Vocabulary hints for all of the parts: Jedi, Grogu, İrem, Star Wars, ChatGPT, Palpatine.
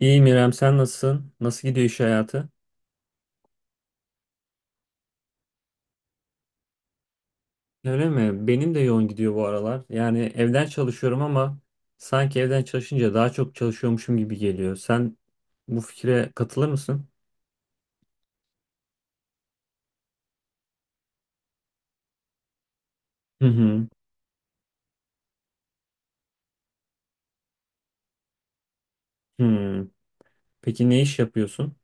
İyiyim İrem, sen nasılsın? Nasıl gidiyor iş hayatı? Öyle mi? Benim de yoğun gidiyor bu aralar. Yani evden çalışıyorum ama sanki evden çalışınca daha çok çalışıyormuşum gibi geliyor. Sen bu fikre katılır mısın? Hı hı. Hı. Peki ne iş yapıyorsun?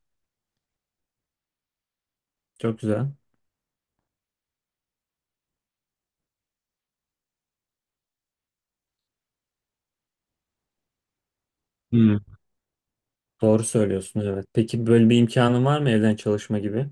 Çok güzel. Hı. Doğru söylüyorsun, evet. Peki böyle bir imkanın var mı evden çalışma gibi?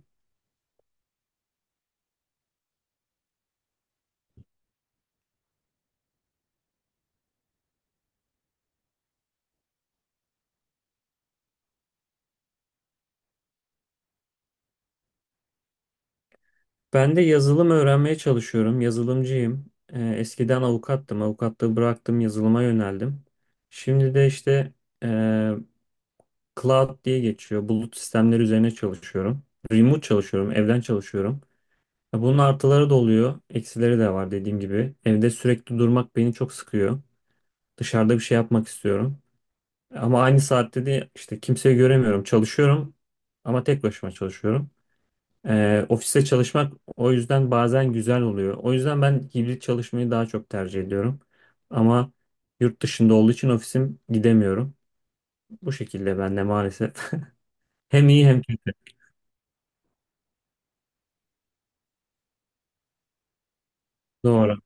Ben de yazılım öğrenmeye çalışıyorum. Yazılımcıyım. Eskiden avukattım. Avukatlığı bıraktım, yazılıma yöneldim. Şimdi de işte Cloud diye geçiyor. Bulut sistemleri üzerine çalışıyorum. Remote çalışıyorum, evden çalışıyorum. Ya bunun artıları da oluyor, eksileri de var dediğim gibi. Evde sürekli durmak beni çok sıkıyor. Dışarıda bir şey yapmak istiyorum. Ama aynı saatte de işte kimseyi göremiyorum. Çalışıyorum ama tek başıma çalışıyorum. Ofiste çalışmak o yüzden bazen güzel oluyor. O yüzden ben hibrit çalışmayı daha çok tercih ediyorum. Ama yurt dışında olduğu için ofisim gidemiyorum. Bu şekilde ben de maalesef. Hem iyi hem kötü. Doğru.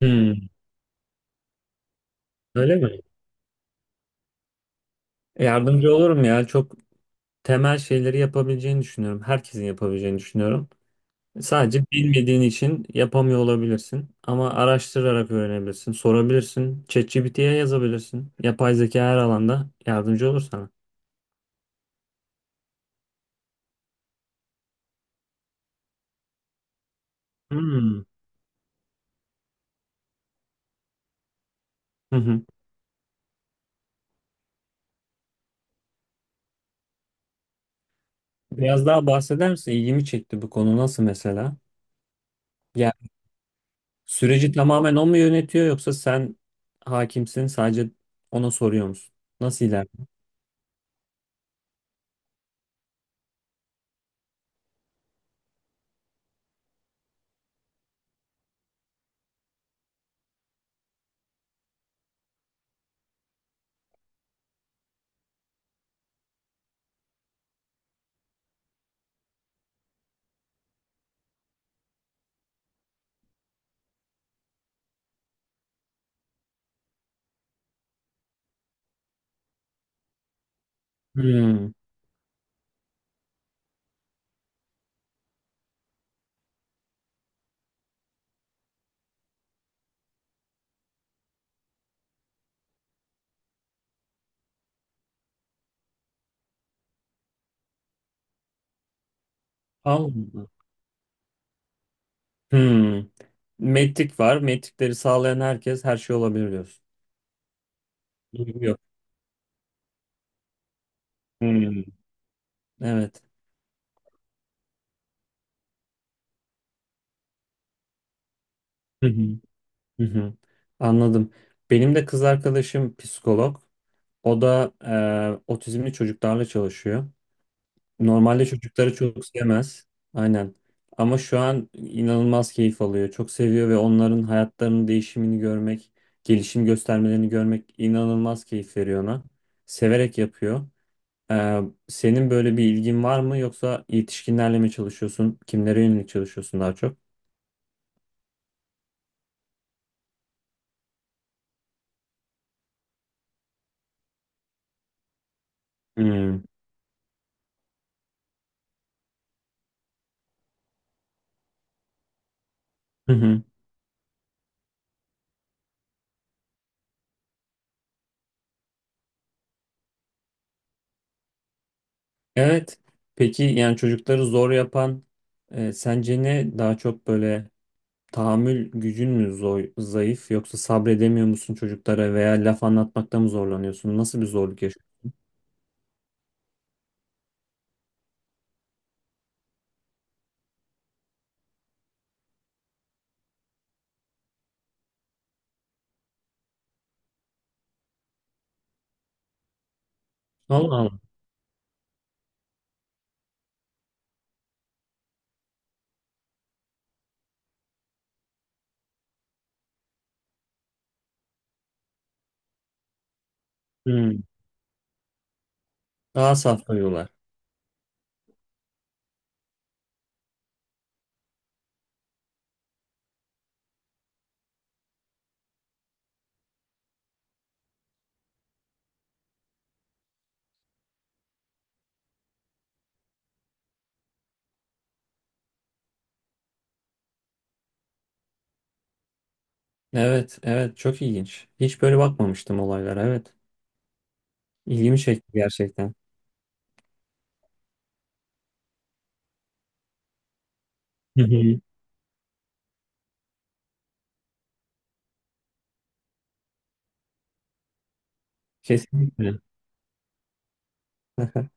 Hmm, öyle mi? Yardımcı olurum ya. Çok temel şeyleri yapabileceğini düşünüyorum. Herkesin yapabileceğini düşünüyorum. Sadece bilmediğin için yapamıyor olabilirsin. Ama araştırarak öğrenebilirsin, sorabilirsin. ChatGPT'ye yazabilirsin. Yapay zeka her alanda yardımcı olur sana. Hmm. Hı hı. Biraz daha bahseder misin? İlgimi çekti bu konu nasıl mesela? Yani süreci tamamen o mu yönetiyor yoksa sen hakimsin sadece ona soruyor musun? Nasıl ilerliyor? Hmm. Allah. Hmm. Metrik var. Metrikleri sağlayan herkes her şey olabilir diyorsun. Duygu yok. Hmm. Evet. Hı hı. Hı hı. Anladım. Benim de kız arkadaşım psikolog. O da otizmli çocuklarla çalışıyor. Normalde çocukları çok sevmez. Aynen. Ama şu an inanılmaz keyif alıyor. Çok seviyor ve onların hayatlarının değişimini görmek, gelişim göstermelerini görmek inanılmaz keyif veriyor ona. Severek yapıyor. Ee, Senin böyle bir ilgin var mı yoksa yetişkinlerle mi çalışıyorsun? Kimlere yönelik çalışıyorsun daha çok? Hmm. Hı hı. Evet. Peki yani çocukları zor yapan sence ne? Daha çok böyle tahammül gücün mü zor, zayıf yoksa sabredemiyor musun çocuklara veya laf anlatmakta mı zorlanıyorsun? Nasıl bir zorluk yaşıyorsun? Allah Allah. Hmm. Daha saf duyuyorlar. Evet, evet çok ilginç. Hiç böyle bakmamıştım olaylara. Evet. İlgimi çekti gerçekten. Hı hı. Kesinlikle.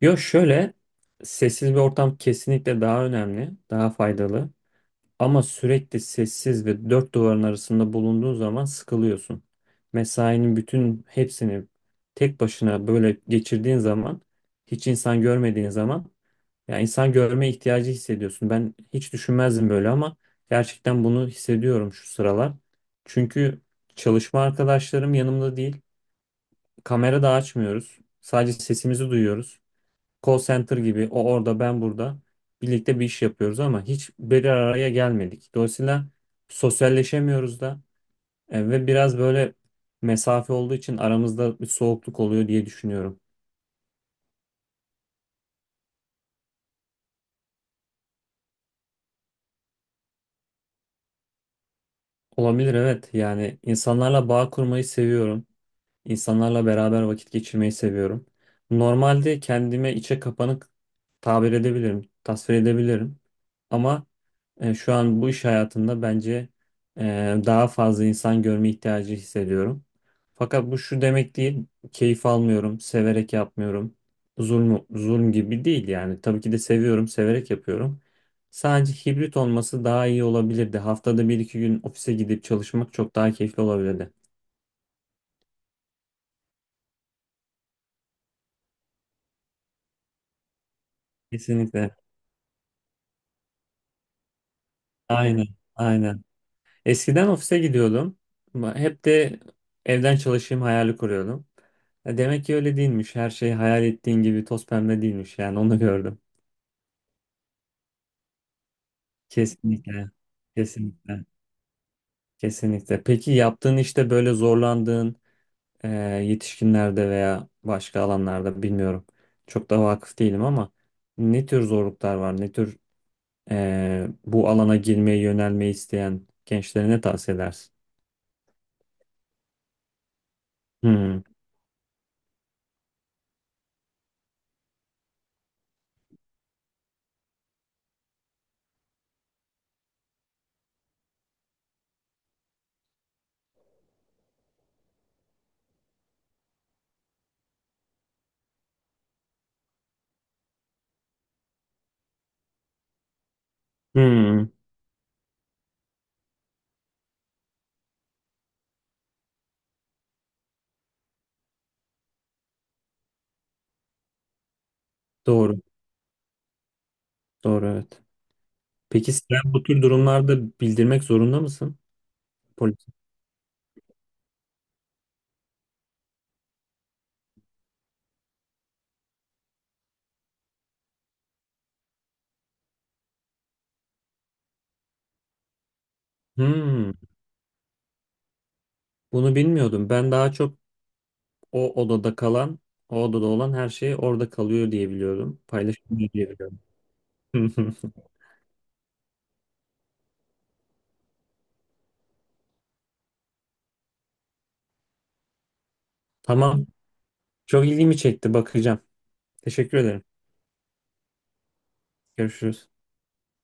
Yo şöyle sessiz bir ortam kesinlikle daha önemli, daha faydalı. Ama sürekli sessiz ve dört duvarın arasında bulunduğun zaman sıkılıyorsun. Mesainin bütün hepsini tek başına böyle geçirdiğin zaman, hiç insan görmediğin zaman, ya insan görme ihtiyacı hissediyorsun. Ben hiç düşünmezdim böyle ama gerçekten bunu hissediyorum şu sıralar. Çünkü çalışma arkadaşlarım yanımda değil. Kamera da açmıyoruz. Sadece sesimizi duyuyoruz, call center gibi, o orada ben burada birlikte bir iş yapıyoruz ama hiç bir araya gelmedik. Dolayısıyla sosyalleşemiyoruz da ve biraz böyle mesafe olduğu için aramızda bir soğukluk oluyor diye düşünüyorum. Olabilir evet, yani insanlarla bağ kurmayı seviyorum. İnsanlarla beraber vakit geçirmeyi seviyorum. Normalde kendime içe kapanık tabir edebilirim, tasvir edebilirim. Ama şu an bu iş hayatında bence e, daha fazla insan görme ihtiyacı hissediyorum. Fakat bu şu demek değil, keyif almıyorum, severek yapmıyorum. Zulm, zulm gibi değil yani. Tabii ki de seviyorum, severek yapıyorum. Sadece hibrit olması daha iyi olabilirdi. Haftada bir iki gün ofise gidip çalışmak çok daha keyifli olabilirdi. Kesinlikle. Aynen, aynen. Eskiden ofise gidiyordum. Ama hep de evden çalışayım hayali kuruyordum. Ya demek ki öyle değilmiş. Her şey hayal ettiğin gibi toz pembe değilmiş. Yani onu gördüm. Kesinlikle, kesinlikle, kesinlikle. Peki yaptığın işte böyle zorlandığın e, yetişkinlerde veya başka alanlarda bilmiyorum. Çok da vakıf değilim ama ne tür zorluklar var? Ne tür bu alana girmeyi, yönelmeyi isteyen gençlere ne tavsiye edersin? Hmm. Hmm. Doğru. Doğru evet. Peki sen bu tür durumlarda bildirmek zorunda mısın, polis? Hmm, bunu bilmiyordum. Ben daha çok o odada kalan, o odada olan her şey orada kalıyor diye biliyordum. Paylaşılmıyor diye biliyordum. Tamam. Çok ilgimi çekti. Bakacağım. Teşekkür ederim. Görüşürüz.